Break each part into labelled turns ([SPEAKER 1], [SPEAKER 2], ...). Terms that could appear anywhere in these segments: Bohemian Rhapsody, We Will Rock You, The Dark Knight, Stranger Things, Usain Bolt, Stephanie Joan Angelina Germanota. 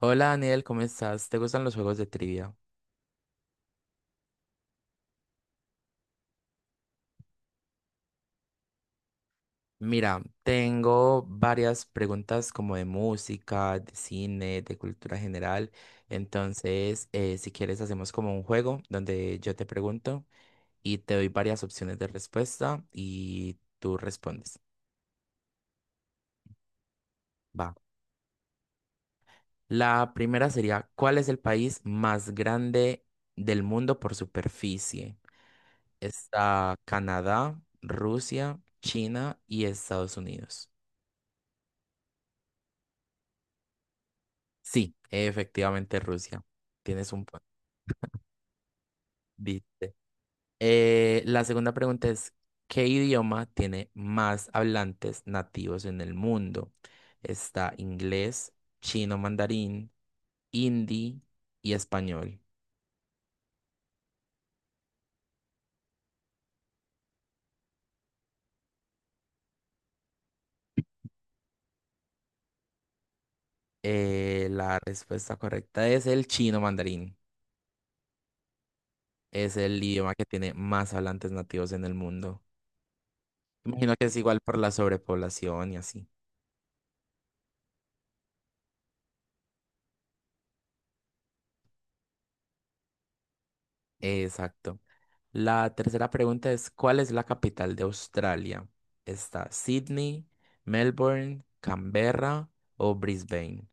[SPEAKER 1] Hola Daniel, ¿cómo estás? ¿Te gustan los juegos de trivia? Mira, tengo varias preguntas como de música, de cine, de cultura general. Entonces, si quieres, hacemos como un juego donde yo te pregunto y te doy varias opciones de respuesta y tú respondes. Va. La primera sería, ¿cuál es el país más grande del mundo por superficie? Está Canadá, Rusia, China y Estados Unidos. Sí, efectivamente Rusia. Tienes un punto. Viste. La segunda pregunta es, ¿qué idioma tiene más hablantes nativos en el mundo? Está inglés, chino mandarín, hindi y español. La respuesta correcta es el chino mandarín. Es el idioma que tiene más hablantes nativos en el mundo. Imagino que es igual por la sobrepoblación y así. Exacto. La tercera pregunta es, ¿cuál es la capital de Australia? ¿Está Sydney, Melbourne, Canberra o Brisbane?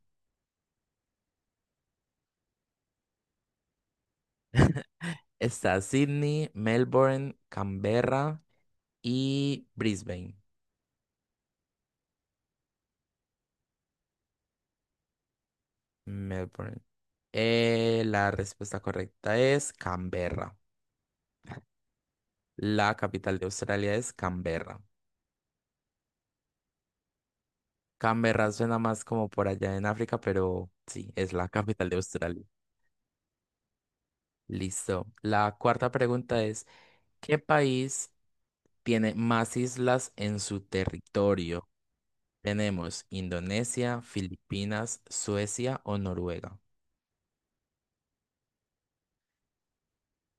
[SPEAKER 1] Está Sydney, Melbourne, Canberra y Brisbane. Melbourne. La respuesta correcta es Canberra. La capital de Australia es Canberra. Canberra suena más como por allá en África, pero sí, es la capital de Australia. Listo. La cuarta pregunta es, ¿qué país tiene más islas en su territorio? Tenemos Indonesia, Filipinas, Suecia o Noruega.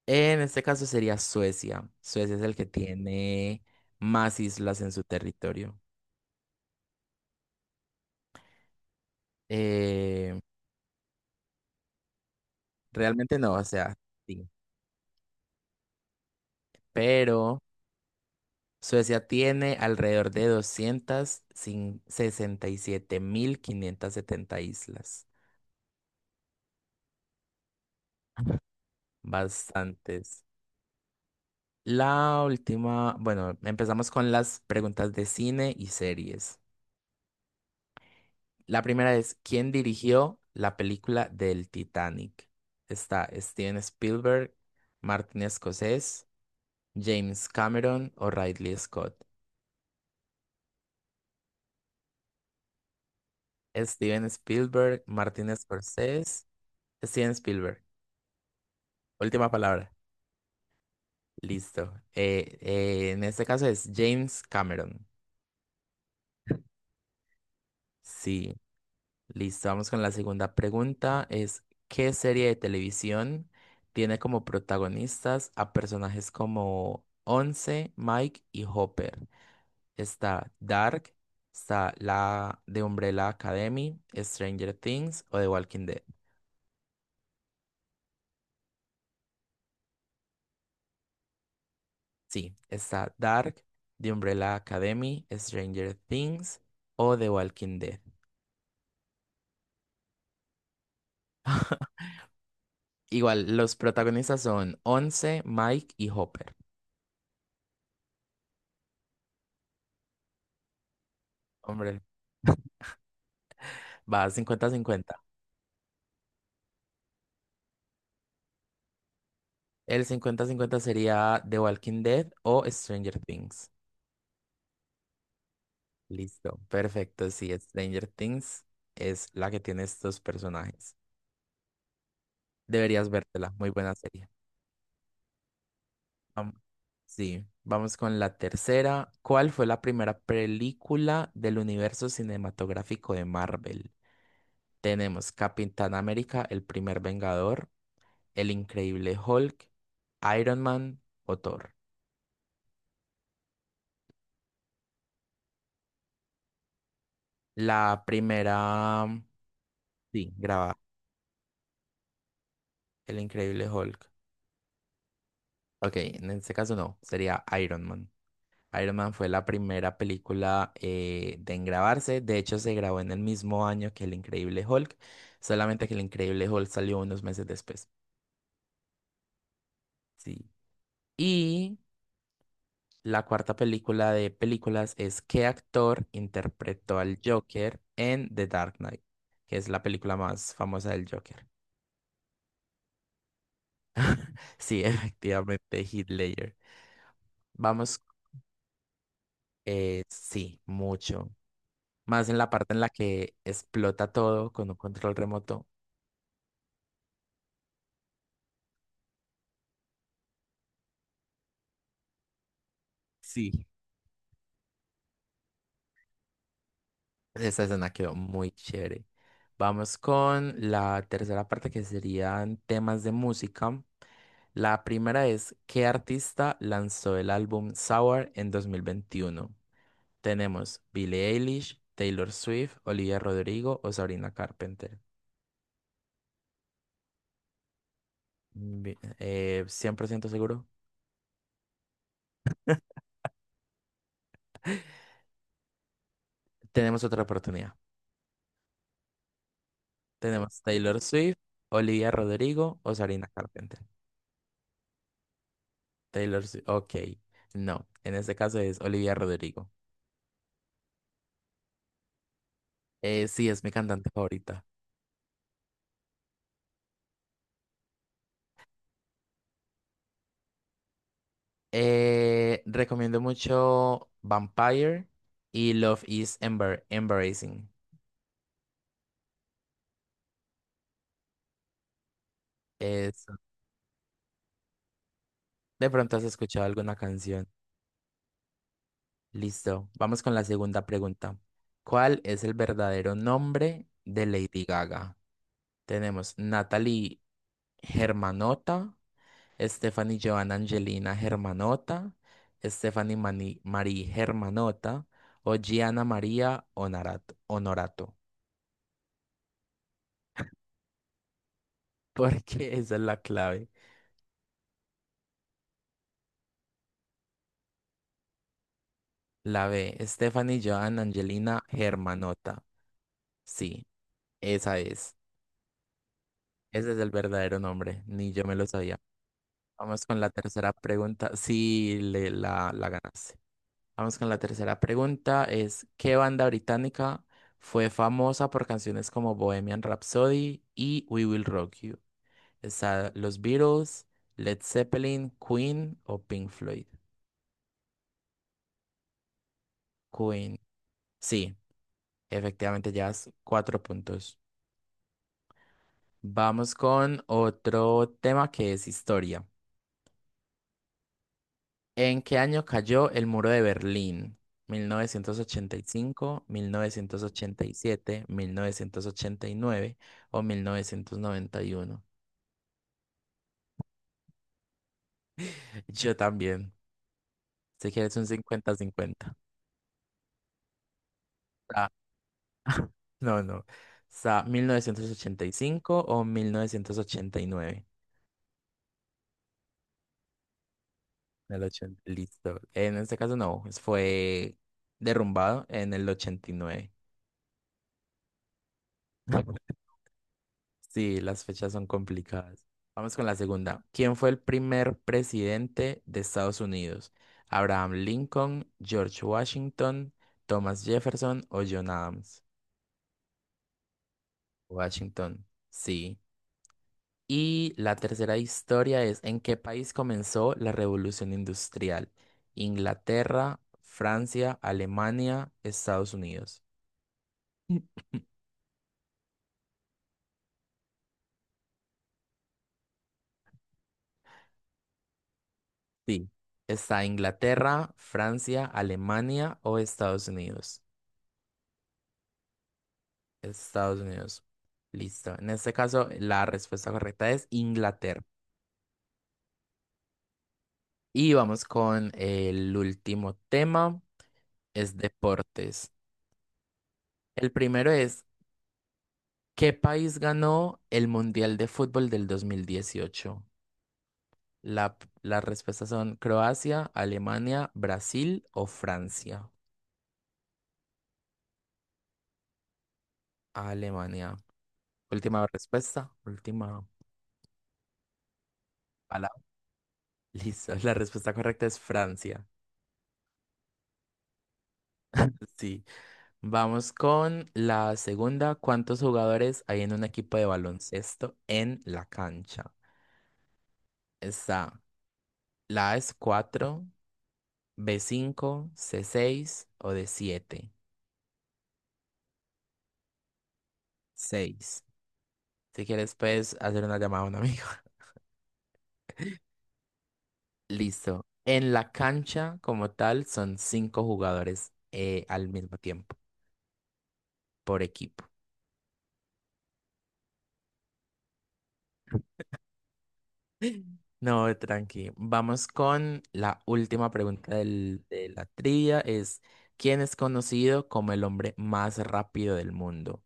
[SPEAKER 1] En este caso sería Suecia. Suecia es el que tiene más islas en su territorio. Eh, realmente no, o sea, sí. Pero Suecia tiene alrededor de 267.570 islas. Bastantes. La última, bueno, empezamos con las preguntas de cine y series. La primera es, ¿quién dirigió la película del Titanic? Está Steven Spielberg, Martin Scorsese, James Cameron o Ridley Scott. Steven Spielberg, Martin Scorsese, Steven Spielberg. Última palabra. Listo. En este caso es James Cameron. Sí. Listo, vamos con la segunda pregunta. Es, ¿qué serie de televisión tiene como protagonistas a personajes como Once, Mike y Hopper? Está Dark, está la de Umbrella Academy, Stranger Things o The Walking Dead. Sí, está Dark, The Umbrella Academy, Stranger Things o The Walking Dead. Igual, los protagonistas son Once, Mike y Hopper. Hombre, va 50-50. El 50-50 sería The Walking Dead o Stranger Things. Listo, perfecto. Sí, Stranger Things es la que tiene estos personajes. Deberías vértela, muy buena serie. Vam- sí, vamos con la tercera. ¿Cuál fue la primera película del universo cinematográfico de Marvel? Tenemos Capitán América, El Primer Vengador, El Increíble Hulk, Iron Man o Thor. La primera, sí, graba El Increíble Hulk. Ok, en este caso no, sería Iron Man. Iron Man fue la primera película de en grabarse, de hecho se grabó en el mismo año que El Increíble Hulk, solamente que El Increíble Hulk salió unos meses después. Sí. Y la cuarta película de películas es, ¿qué actor interpretó al Joker en The Dark Knight? Que es la película más famosa del Joker. Sí, efectivamente, Heath Ledger. Vamos, sí, mucho. Más en la parte en la que explota todo con un control remoto. Sí. Esa escena quedó muy chévere. Vamos con la tercera parte que serían temas de música. La primera es, ¿qué artista lanzó el álbum Sour en 2021? Tenemos Billie Eilish, Taylor Swift, Olivia Rodrigo o Sabrina Carpenter. 100% seguro. Tenemos otra oportunidad. Tenemos Taylor Swift, Olivia Rodrigo o Sabrina Carpenter. Taylor Swift. Ok. No, en este caso es Olivia Rodrigo. Sí, es mi cantante favorita. Recomiendo mucho Vampire y Love is Embarrassing. Eso. De pronto has escuchado alguna canción. Listo. Vamos con la segunda pregunta. ¿Cuál es el verdadero nombre de Lady Gaga? Tenemos Natalie Germanota, Stephanie Joan Angelina Germanota, Stephanie Marie Germanota o Gianna María Honorato, porque esa es la clave. La B, Stephanie Joan Angelina Germanota. Sí, esa es. Ese es el verdadero nombre, ni yo me lo sabía. Vamos con la tercera pregunta. Sí, la ganaste. Vamos con la tercera pregunta, es, ¿qué banda británica fue famosa por canciones como Bohemian Rhapsody y We Will Rock You? ¿Está los Beatles, Led Zeppelin, Queen o Pink Floyd? Queen. Sí, efectivamente llevas cuatro puntos. Vamos con otro tema que es historia. ¿En qué año cayó el muro de Berlín? ¿1985, 1987, 1989 o 1991? Yo también. Si quieres un 50-50. Ah, no, no. O sea, 1985 o 1989. El 80. Listo. En este caso no, fue derrumbado en el 89. Sí, las fechas son complicadas. Vamos con la segunda. ¿Quién fue el primer presidente de Estados Unidos? ¿Abraham Lincoln, George Washington, Thomas Jefferson o John Adams? Washington, sí. Y la tercera historia es, ¿en qué país comenzó la Revolución Industrial? Inglaterra, Francia, Alemania, Estados Unidos. Sí. ¿Está Inglaterra, Francia, Alemania o Estados Unidos? Estados Unidos. Listo. En este caso, la respuesta correcta es Inglaterra. Y vamos con el último tema, es deportes. El primero es, ¿qué país ganó el Mundial de Fútbol del 2018? La, las respuestas son Croacia, Alemania, Brasil o Francia. Alemania. Última respuesta, última palabra. Listo. La respuesta correcta es Francia. Sí. Vamos con la segunda. ¿Cuántos jugadores hay en un equipo de baloncesto en la cancha? Está, la A es 4, b cinco, c 6 o d siete. Seis. Si quieres, puedes hacer una llamada a un amigo. Listo. En la cancha, como tal, son cinco jugadores al mismo tiempo, por equipo. No, tranqui. Vamos con la última pregunta de la trivia. Es, ¿quién es conocido como el hombre más rápido del mundo?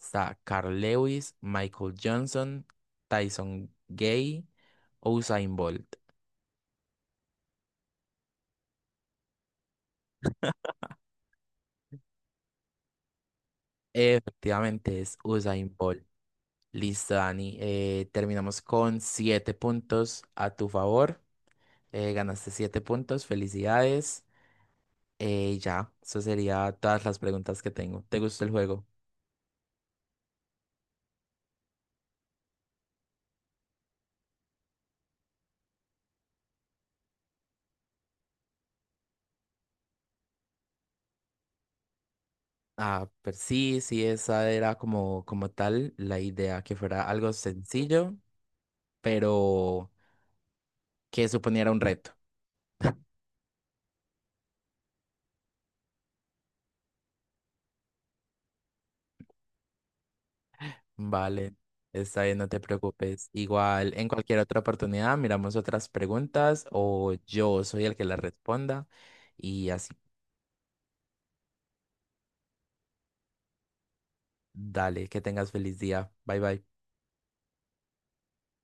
[SPEAKER 1] Está Carl Lewis, Michael Johnson, Tyson Gay, Usain Bolt. Efectivamente es Usain Bolt. Listo, Dani. Terminamos con siete puntos a tu favor. Ganaste siete puntos. Felicidades. Ya, eso sería todas las preguntas que tengo. ¿Te gustó el juego? Ah, pero sí, sí, esa era como, como tal la idea, que fuera algo sencillo, pero que suponiera un reto. Vale, está bien, no te preocupes. Igual, en cualquier otra oportunidad, miramos otras preguntas o yo soy el que las responda y así. Dale, que tengas feliz día. Bye bye.